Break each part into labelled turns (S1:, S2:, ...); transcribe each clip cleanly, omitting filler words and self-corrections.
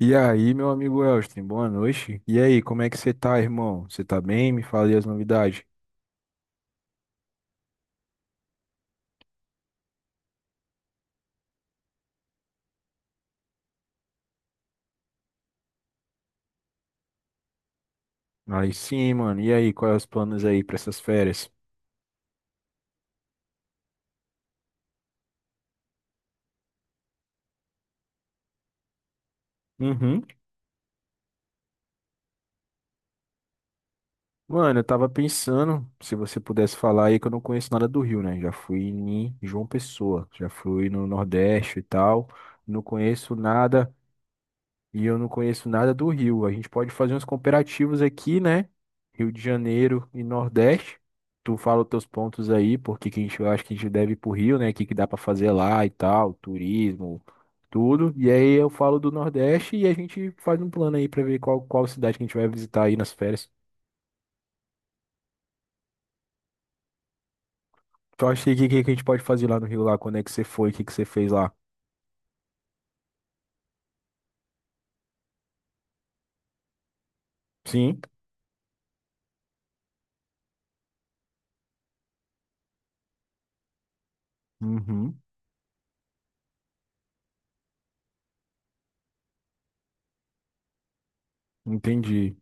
S1: E aí, meu amigo Elston, boa noite. E aí, como é que você tá, irmão? Você tá bem? Me fale as novidades. Aí sim, mano. E aí, quais os planos aí pra essas férias? Uhum. Mano, eu tava pensando, se você pudesse falar aí que eu não conheço nada do Rio, né? Já fui em João Pessoa, já fui no Nordeste e tal. Não conheço nada. E eu não conheço nada do Rio. A gente pode fazer uns comparativos aqui, né? Rio de Janeiro e Nordeste. Tu fala os teus pontos aí, porque que a gente, eu acho que a gente deve ir pro Rio, né? O que que dá pra fazer lá e tal, turismo, tudo. E aí eu falo do Nordeste e a gente faz um plano aí pra ver qual, qual cidade que a gente vai visitar aí nas férias. Tu acha que a gente pode fazer lá no Rio lá? Quando é que você foi? O que que você fez lá? Sim. Uhum. Entendi.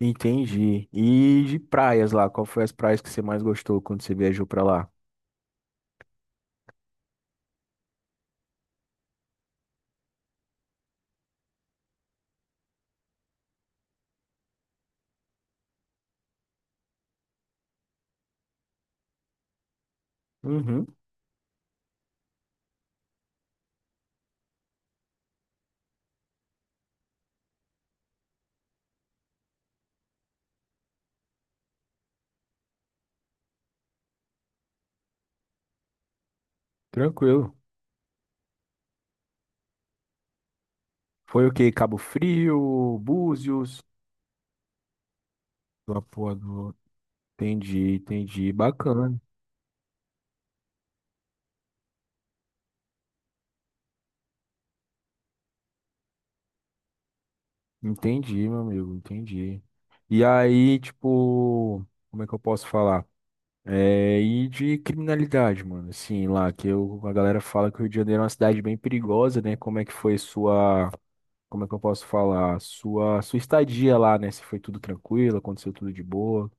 S1: Entendi. E de praias lá, qual foi as praias que você mais gostou quando você viajou pra lá? Uhum, tranquilo. Foi o que Cabo Frio, Búzios, Lapuador. Entendi, entendi. Bacana. Entendi, meu amigo, entendi. E aí, tipo, como é que eu posso falar? É, e de criminalidade, mano. Assim, lá que eu, a galera fala que o Rio de Janeiro é uma cidade bem perigosa, né? Como é que foi sua, como é que eu posso falar? Sua, sua estadia lá, né? Se foi tudo tranquilo, aconteceu tudo de boa.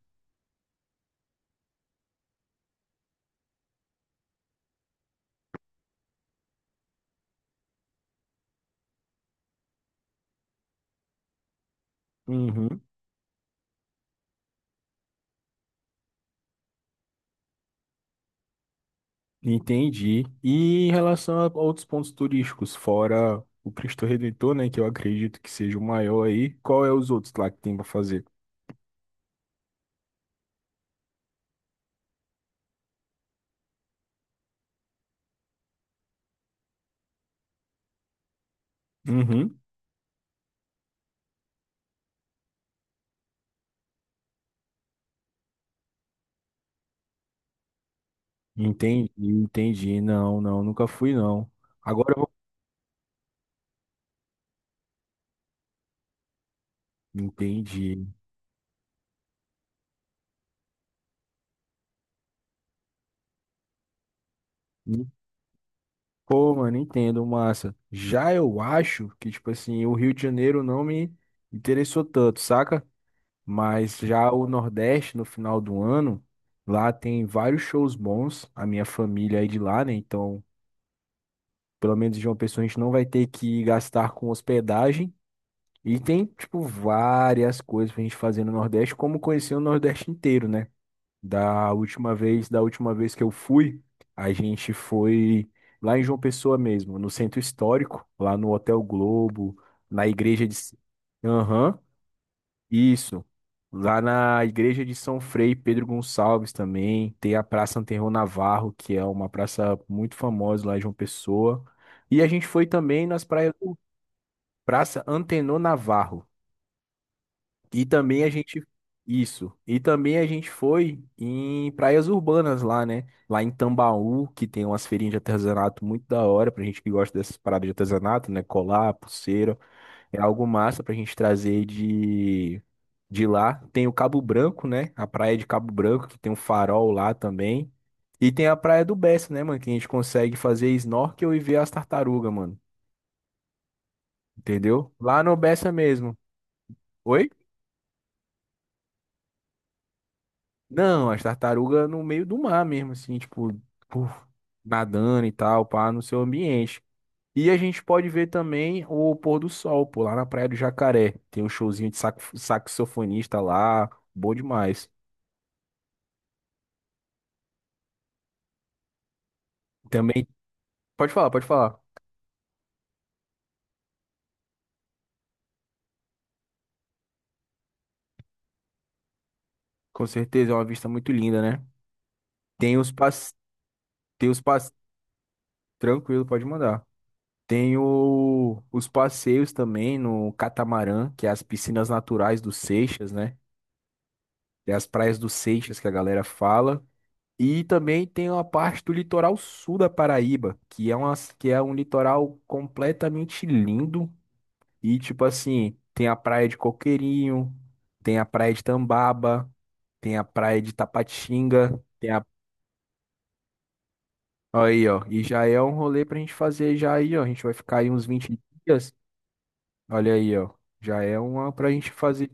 S1: Uhum. Entendi. E em relação a outros pontos turísticos, fora o Cristo Redentor, né, que eu acredito que seja o maior aí, qual é os outros lá que tem para fazer? Uhum. Entendi, entendi. Não, não, nunca fui não. Agora eu vou. Entendi. Pô, mano, entendo, massa. Já eu acho que, tipo assim, o Rio de Janeiro não me interessou tanto, saca? Mas já o Nordeste, no final do ano, lá tem vários shows bons. A minha família é de lá, né? Então pelo menos em João Pessoa a gente não vai ter que gastar com hospedagem. E tem, tipo, várias coisas pra gente fazer no Nordeste, como conhecer o Nordeste inteiro, né? Da última vez que eu fui, a gente foi lá em João Pessoa mesmo, no centro histórico, lá no Hotel Globo, na igreja de. Aham. Isso. Lá na igreja de São Frei Pedro Gonçalves também tem a Praça Anterro Navarro, que é uma praça muito famosa lá em João Pessoa. E a gente foi também nas praias do Praça Antenor Navarro. E também a gente Isso. E também a gente foi em praias urbanas lá, né? Lá em Tambaú, que tem umas feirinhas de artesanato muito da hora pra gente que gosta dessas paradas de artesanato, né? Colar, pulseira. É algo massa pra gente trazer de lá. Tem o Cabo Branco, né? A praia de Cabo Branco, que tem um farol lá também. E tem a praia do Bessa, né, mano? Que a gente consegue fazer snorkel e ver as tartarugas, mano. Entendeu? Lá no Bessa mesmo. Oi? Não, as tartarugas no meio do mar mesmo, assim, tipo, puf, nadando e tal, pá, no seu ambiente. E a gente pode ver também o pôr do sol, pô, lá na Praia do Jacaré. Tem um showzinho de saxofonista lá, bom demais. Também. Pode falar, pode falar. Com certeza, é uma vista muito linda, né? Tem os passe, Tem os passe Tranquilo, pode mandar. Os passeios também no catamarã, que é as piscinas naturais do Seixas, né? Tem as praias do Seixas que a galera fala. E também tem uma parte do litoral sul da Paraíba, que é uma, que é um litoral completamente lindo. E, tipo assim, tem a praia de Coqueirinho, tem a praia de Tambaba, tem a praia de Tapatinga. Aí, ó. E já é um rolê pra gente fazer já aí, ó. A gente vai ficar aí uns 20 dias. Olha aí, ó. Já é uma pra gente fazer.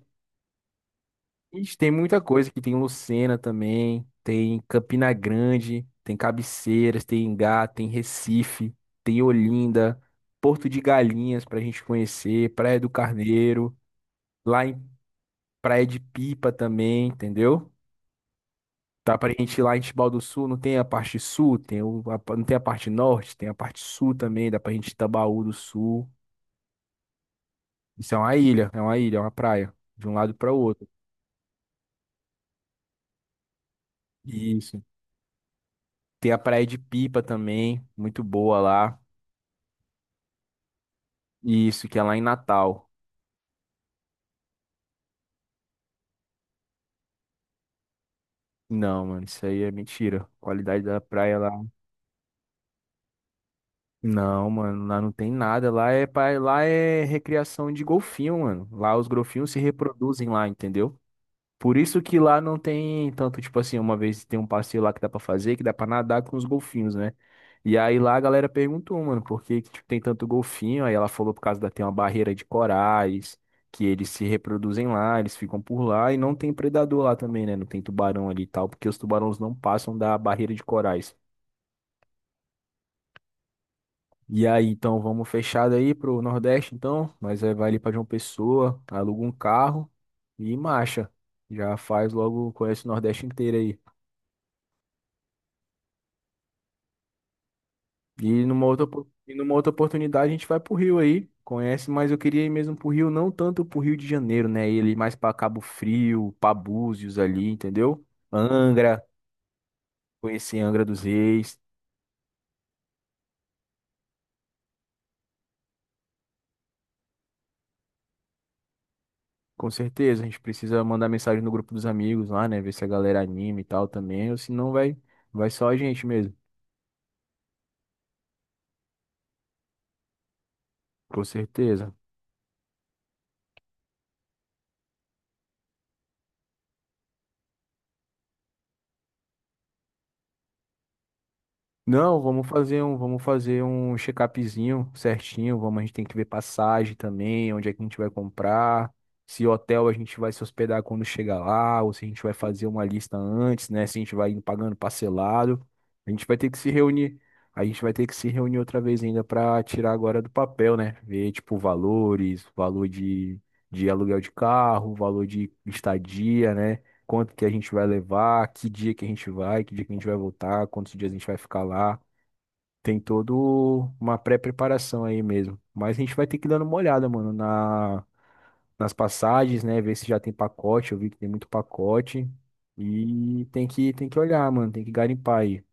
S1: Ixi, tem muita coisa aqui. Tem Lucena também. Tem Campina Grande. Tem Cabeceiras. Tem Engá. Tem Recife. Tem Olinda. Porto de Galinhas pra gente conhecer. Praia do Carneiro. Lá em Praia de Pipa também, entendeu? Dá pra gente ir lá em Tibau do Sul, não tem a parte sul, tem o, a, não tem a parte norte, tem a parte sul também, dá pra gente ir Itabaú do Sul. Isso é uma ilha, é uma ilha, é uma praia, de um lado para o outro. Isso. Tem a praia de Pipa também, muito boa lá. Isso, que é lá em Natal. Não, mano, isso aí é mentira. Qualidade da praia lá. Não, mano, lá não tem nada. Lá é, lá é recriação de golfinho, mano. Lá os golfinhos se reproduzem lá, entendeu? Por isso que lá não tem tanto, tipo assim, uma vez tem um passeio lá que dá pra fazer, que dá pra nadar com os golfinhos, né? E aí lá a galera perguntou, mano, por que que, tipo, tem tanto golfinho? Aí ela falou por causa da, tem uma barreira de corais, que eles se reproduzem lá, eles ficam por lá e não tem predador lá também, né? Não tem tubarão ali e tal, porque os tubarões não passam da barreira de corais. E aí, então vamos fechado aí pro Nordeste, então, mas aí vai ali pra João Pessoa, aluga um carro e marcha. Já faz logo, conhece o Nordeste inteiro aí. E numa outra oportunidade a gente vai pro Rio aí, conhece, mas eu queria ir mesmo pro Rio, não tanto pro Rio de Janeiro, né? Ele mais pra Cabo Frio, pra Búzios ali, entendeu? Angra, conhecer Angra dos Reis. Com certeza, a gente precisa mandar mensagem no grupo dos amigos lá, né? Ver se a galera anima e tal também, ou se não vai, vai só a gente mesmo. Com certeza. Não, vamos fazer um check-upzinho certinho. Vamos, a gente tem que ver passagem também, onde é que a gente vai comprar, se hotel a gente vai se hospedar quando chegar lá, ou se a gente vai fazer uma lista antes, né? Se a gente vai indo pagando parcelado. A gente vai ter que se reunir. A gente vai ter que se reunir outra vez ainda para tirar agora do papel, né? Ver, tipo, valores, valor de aluguel de carro, valor de estadia, né? Quanto que a gente vai levar, que dia que a gente vai, que dia que a gente vai voltar, quantos dias a gente vai ficar lá. Tem todo uma pré-preparação aí mesmo. Mas a gente vai ter que dar uma olhada, mano, na, nas passagens, né? Ver se já tem pacote. Eu vi que tem muito pacote. E tem que olhar, mano. Tem que garimpar aí.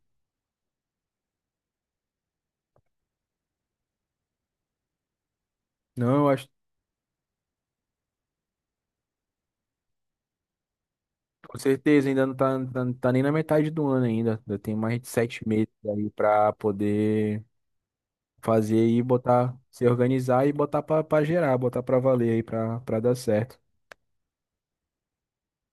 S1: Não, eu acho, com certeza, ainda não tá, tá nem na metade do ano ainda. Ainda tem mais de 7 meses aí pra poder fazer aí, botar, se organizar e botar pra, pra gerar, botar pra valer aí, pra dar certo.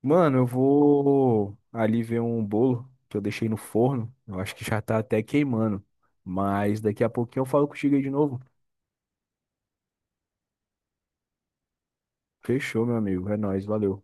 S1: Mano, eu vou ali ver um bolo que eu deixei no forno. Eu acho que já tá até queimando. Mas daqui a pouquinho eu falo contigo aí de novo. Fechou, meu amigo. É nóis, valeu.